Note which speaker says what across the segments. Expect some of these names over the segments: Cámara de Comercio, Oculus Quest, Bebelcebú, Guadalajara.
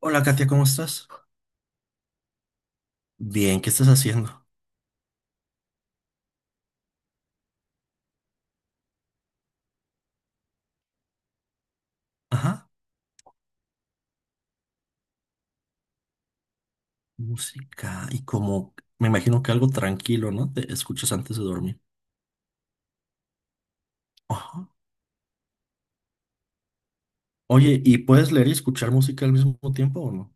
Speaker 1: Hola, Katia, ¿cómo estás? Bien, ¿qué estás haciendo? Ajá, música y como me imagino que algo tranquilo, ¿no? Te escuchas antes de dormir. Ajá. Oye, ¿y puedes leer y escuchar música al mismo tiempo o no?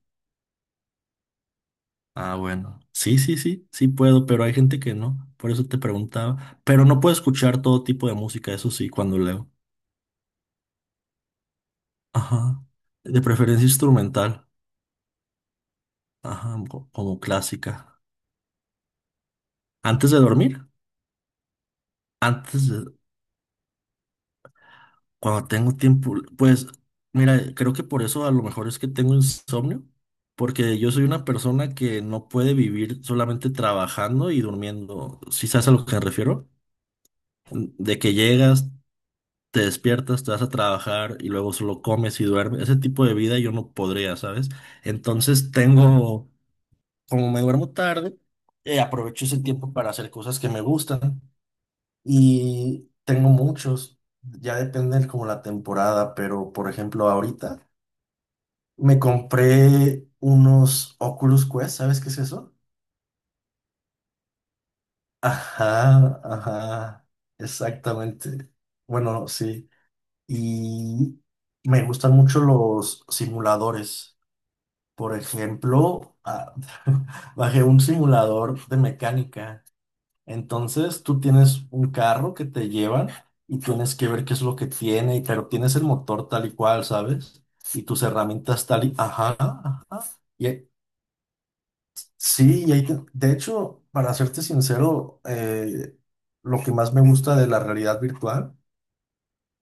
Speaker 1: Ah, bueno. Sí, sí, sí, sí puedo, pero hay gente que no. Por eso te preguntaba. Pero no puedo escuchar todo tipo de música, eso sí, cuando leo. Ajá. De preferencia instrumental. Ajá, como clásica. ¿Antes de dormir? Antes de... Cuando tengo tiempo, pues mira, creo que por eso a lo mejor es que tengo insomnio, porque yo soy una persona que no puede vivir solamente trabajando y durmiendo. ¿Si sabes a lo que me refiero? De que llegas, te despiertas, te vas a trabajar y luego solo comes y duermes. Ese tipo de vida yo no podría, ¿sabes? Entonces tengo, como me duermo tarde, aprovecho ese tiempo para hacer cosas que me gustan. Y tengo muchos, ya depende de como la temporada, pero por ejemplo ahorita me compré unos Oculus Quest, ¿sabes qué es eso? Ajá, ajá, exactamente. Bueno, sí. Y me gustan mucho los simuladores. Por ejemplo, bajé un simulador de mecánica. Entonces tú tienes un carro que te llevan y tienes que ver qué es lo que tiene, pero tienes el motor tal y cual, ¿sabes? Y tus herramientas tal y... Ajá, ajá. Y, ahí- sí, de hecho, para serte sincero, lo que más me gusta de la realidad virtual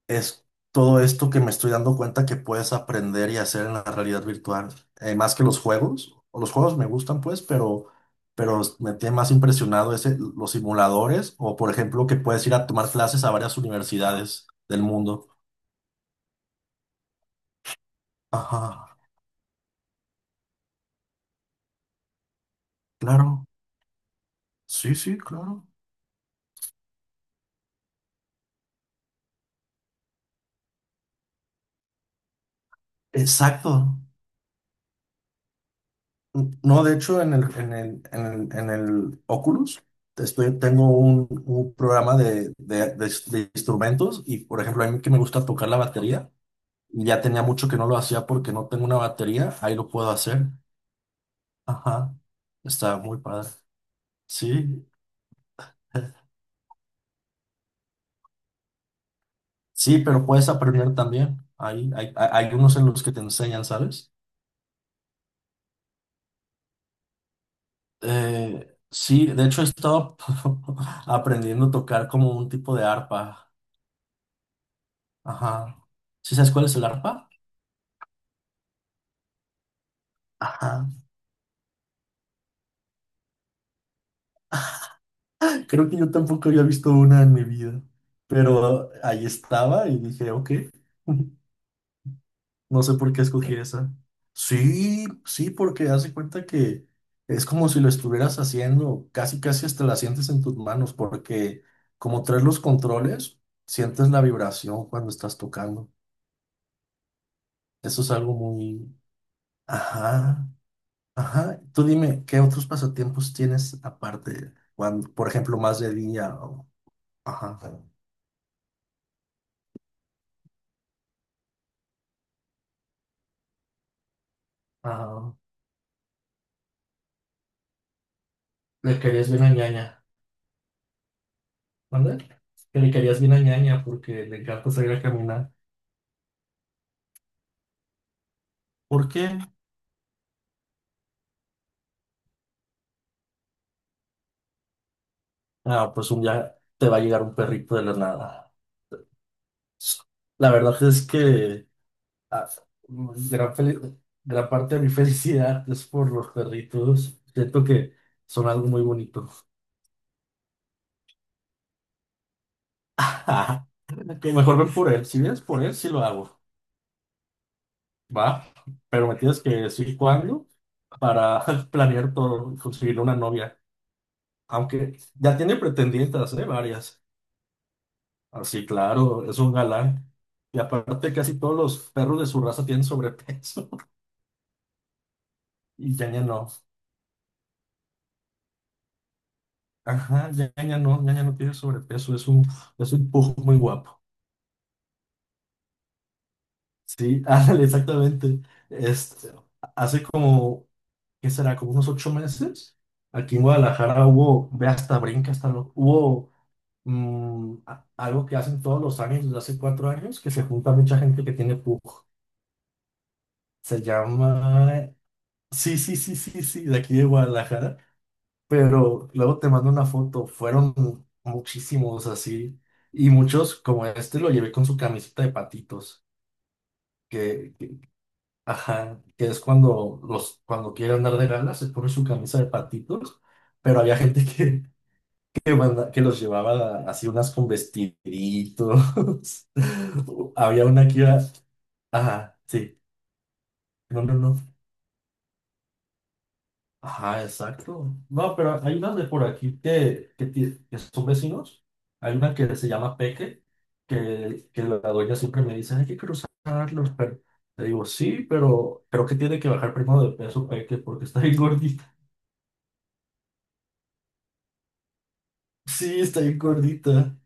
Speaker 1: es todo esto que me estoy dando cuenta que puedes aprender y hacer en la realidad virtual, más que los juegos. O los juegos me gustan, pues, pero me tiene más impresionado ese, los simuladores, o por ejemplo, que puedes ir a tomar clases a varias universidades del mundo. Ajá, claro. Sí, sí, claro. Exacto. No, de hecho, en el Oculus estoy, tengo un programa de instrumentos y, por ejemplo, a mí que me gusta tocar la batería. Y ya tenía mucho que no lo hacía porque no tengo una batería, ahí lo puedo hacer. Ajá, está muy padre. Sí, sí, pero puedes aprender también. Hay unos en los que te enseñan, ¿sabes? Sí, de hecho he estado aprendiendo a tocar como un tipo de arpa. Ajá. ¿Sí sabes cuál es el arpa? Ajá. Creo que yo tampoco había visto una en mi vida, pero ahí estaba y dije, ok. No sé por qué escogí esa. Sí, sí, porque hace cuenta que es como si lo estuvieras haciendo, casi casi hasta la sientes en tus manos, porque como traes los controles, sientes la vibración cuando estás tocando. Eso es algo muy... Ajá, ajá. Tú dime, ¿qué otros pasatiempos tienes aparte? Cuando, por ejemplo, más de día o... Ajá. Ah, le querías bien a Ñaña. ¿Mande? Que le querías bien a Ñaña porque le encanta salir a caminar. ¿Por qué? Ah, pues un día te va a llegar un perrito de la nada. La verdad es que ah, gran, fel- gran parte de mi felicidad es por los perritos. Siento que son algo muy bonito. Ah, que mejor ven por él. Si vienes por él, sí lo hago. Va. Pero me tienes que decir cuándo para planear todo, conseguir una novia. Aunque ya tiene pretendientes, ¿eh? Varias. Así, claro, es un galán. Y aparte, casi todos los perros de su raza tienen sobrepeso. Y ya ya no. Ajá, ya ya no, ya ya no tiene sobrepeso, es un pujo muy guapo. Sí, ándale, exactamente. Este, hace como, ¿qué será? Como unos ocho meses, aquí en Guadalajara hubo, ve hasta brinca, hasta lo, hubo algo que hacen todos los años, desde hace cuatro años, que se junta mucha gente que tiene pujo. Se llama, sí, sí, sí, sí, sí, de aquí de Guadalajara. Pero luego te mando una foto, fueron muchísimos así, y muchos como este lo llevé con su camiseta de patitos, que, que- ajá, que es cuando los, cuando quiere andar de gala, se pone su camisa de patitos, pero había gente que los llevaba así unas con vestiditos, había una que iba, ajá, sí, no, no, no. Ajá, exacto. No, pero hay unas de por aquí que son vecinos. Hay una que se llama Peque, que la dueña siempre me dice, hay que cruzarlos, pero le digo, sí, pero creo que tiene que bajar primero de peso Peque porque está bien gordita. Sí, está bien gordita.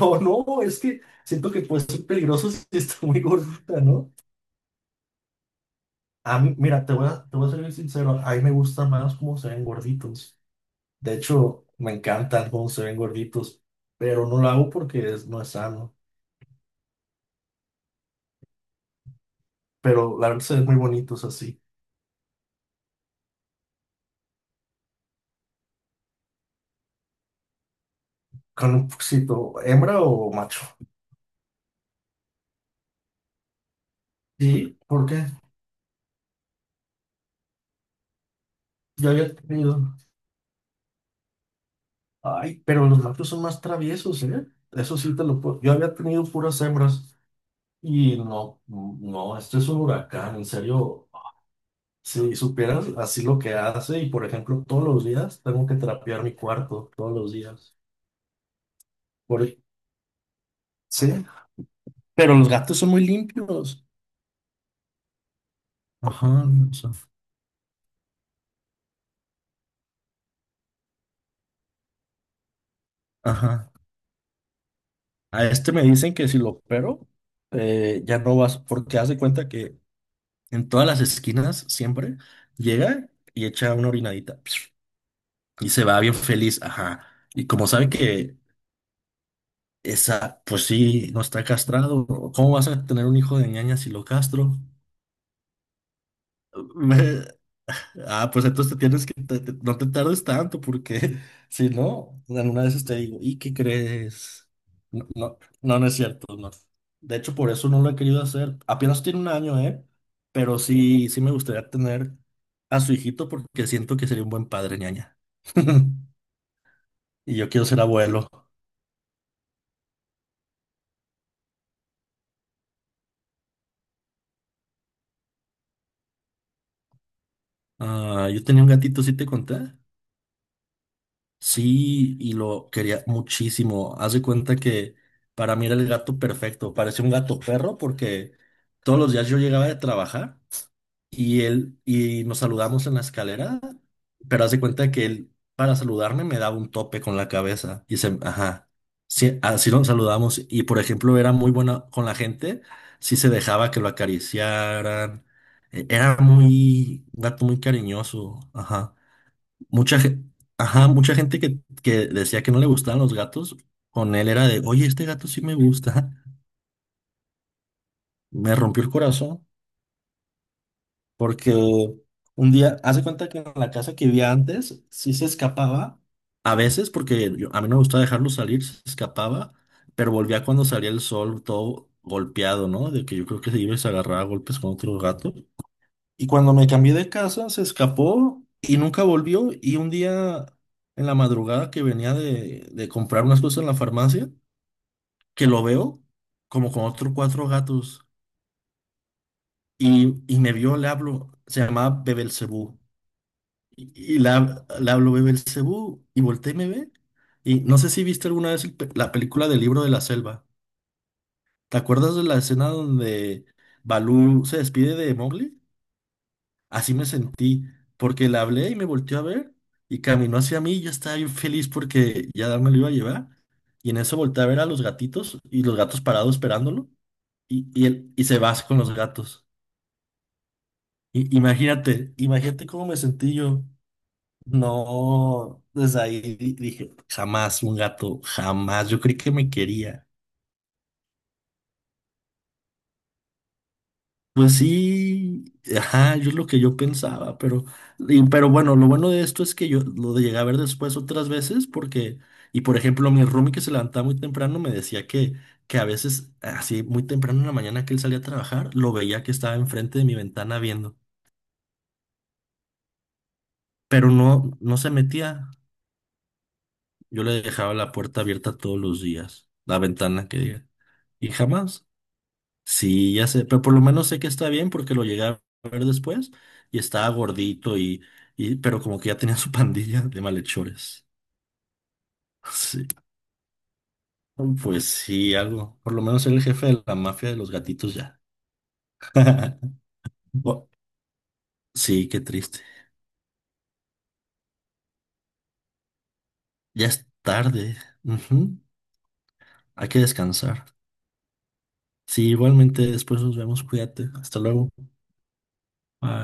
Speaker 1: No, no, es que siento que puede ser peligroso si está muy gordita, ¿no? A mí, mira, te voy a ser bien sincero, a mí me gusta más cómo se ven gorditos. De hecho, me encantan cómo se ven gorditos, pero no lo hago porque no es sano. Pero la verdad se ven muy bonitos así, con un poquito, ¿hembra o macho? Sí, ¿por qué? Yo había tenido. Ay, pero los machos son más traviesos, ¿eh? Eso sí te lo puedo. Yo había tenido puras hembras y no, no, esto es un huracán, en serio. Si supieras así lo que hace, y por ejemplo, todos los días tengo que trapear mi cuarto, todos los días. Por... e, Sí, pero los gatos son muy limpios. Ajá, o sea, ajá. A este me dicen que si lo opero, ya no vas, porque haz de cuenta que en todas las esquinas siempre llega y echa una orinadita psh, y se va bien feliz, ajá. Y como sabe que pues sí, no está castrado, ¿cómo vas a tener un hijo de Ñaña si lo castro? Me- Ah, pues entonces te tienes que, te- te- no te tardes tanto porque si no, alguna vez te digo, ¿y qué crees? No, no, no, no es cierto, no. De hecho, por eso no lo he querido hacer. Apenas tiene un año, ¿eh? Pero sí, sí me gustaría tener a su hijito porque siento que sería un buen padre, Ñaña. Y yo quiero ser abuelo. Ah, yo tenía un gatito, ¿sí te conté? Sí, y lo quería muchísimo. Haz de cuenta que para mí era el gato perfecto. Parecía un gato perro porque todos los días yo llegaba de trabajar y nos saludamos en la escalera, pero haz de cuenta que él para saludarme me daba un tope con la cabeza y ajá, sí, así nos saludamos y por ejemplo era muy buena con la gente, sí se dejaba que lo acariciaran, e- era muy un gato muy cariñoso, ajá. Mucha, ge- ajá, mucha gente que decía que no le gustaban los gatos, con él era de, oye, este gato sí me gusta. Me rompió el corazón porque un día, hace cuenta que en la casa que vivía antes, sí se escapaba, a veces porque a mí no me gustaba dejarlo salir, se escapaba, pero volvía cuando salía el sol todo golpeado, ¿no? De que yo creo que se iba y se agarraba a golpes con otro gato. Y cuando me cambié de casa, se escapó y nunca volvió. Y un día en la madrugada que venía de comprar unas cosas en la farmacia, que lo veo como con otros cuatro gatos. Y me vio, le hablo, se llamaba Bebelcebú. Y le hablo Bebelcebú y volteé y me ve. Y no sé si viste alguna vez la película del Libro de la Selva. ¿Te acuerdas de la escena donde Balú se despide de Mowgli? Así me sentí, porque le hablé y me volteó a ver y caminó hacia mí y yo estaba bien feliz porque ya me lo iba a llevar. Y en eso volteé a ver a los gatitos y los gatos parados esperándolo y él se va con los gatos. Y, imagínate, imagínate cómo me sentí yo. No, desde ahí dije, jamás un gato, jamás. Yo creí que me quería. Pues sí, ajá, yo es lo que yo pensaba, pero, pero bueno, lo bueno de esto es que yo lo llegué a ver después otras veces porque, y por ejemplo, mi roomie que se levantaba muy temprano me decía que a veces, así muy temprano en la mañana que él salía a trabajar, lo veía que estaba enfrente de mi ventana viendo, pero no, no se metía. Yo le dejaba la puerta abierta todos los días, la ventana que diga, y jamás. Sí, ya sé, pero por lo menos sé que está bien porque lo llegué a ver después y estaba gordito y, pero como que ya tenía su pandilla de malhechores. Sí, pues sí, algo. Por lo menos era el jefe de la mafia de los gatitos ya. Bu- Sí, qué triste. Ya es tarde. Ujú. Hay que descansar. Sí, igualmente después nos vemos. Cuídate. Hasta luego. Bye.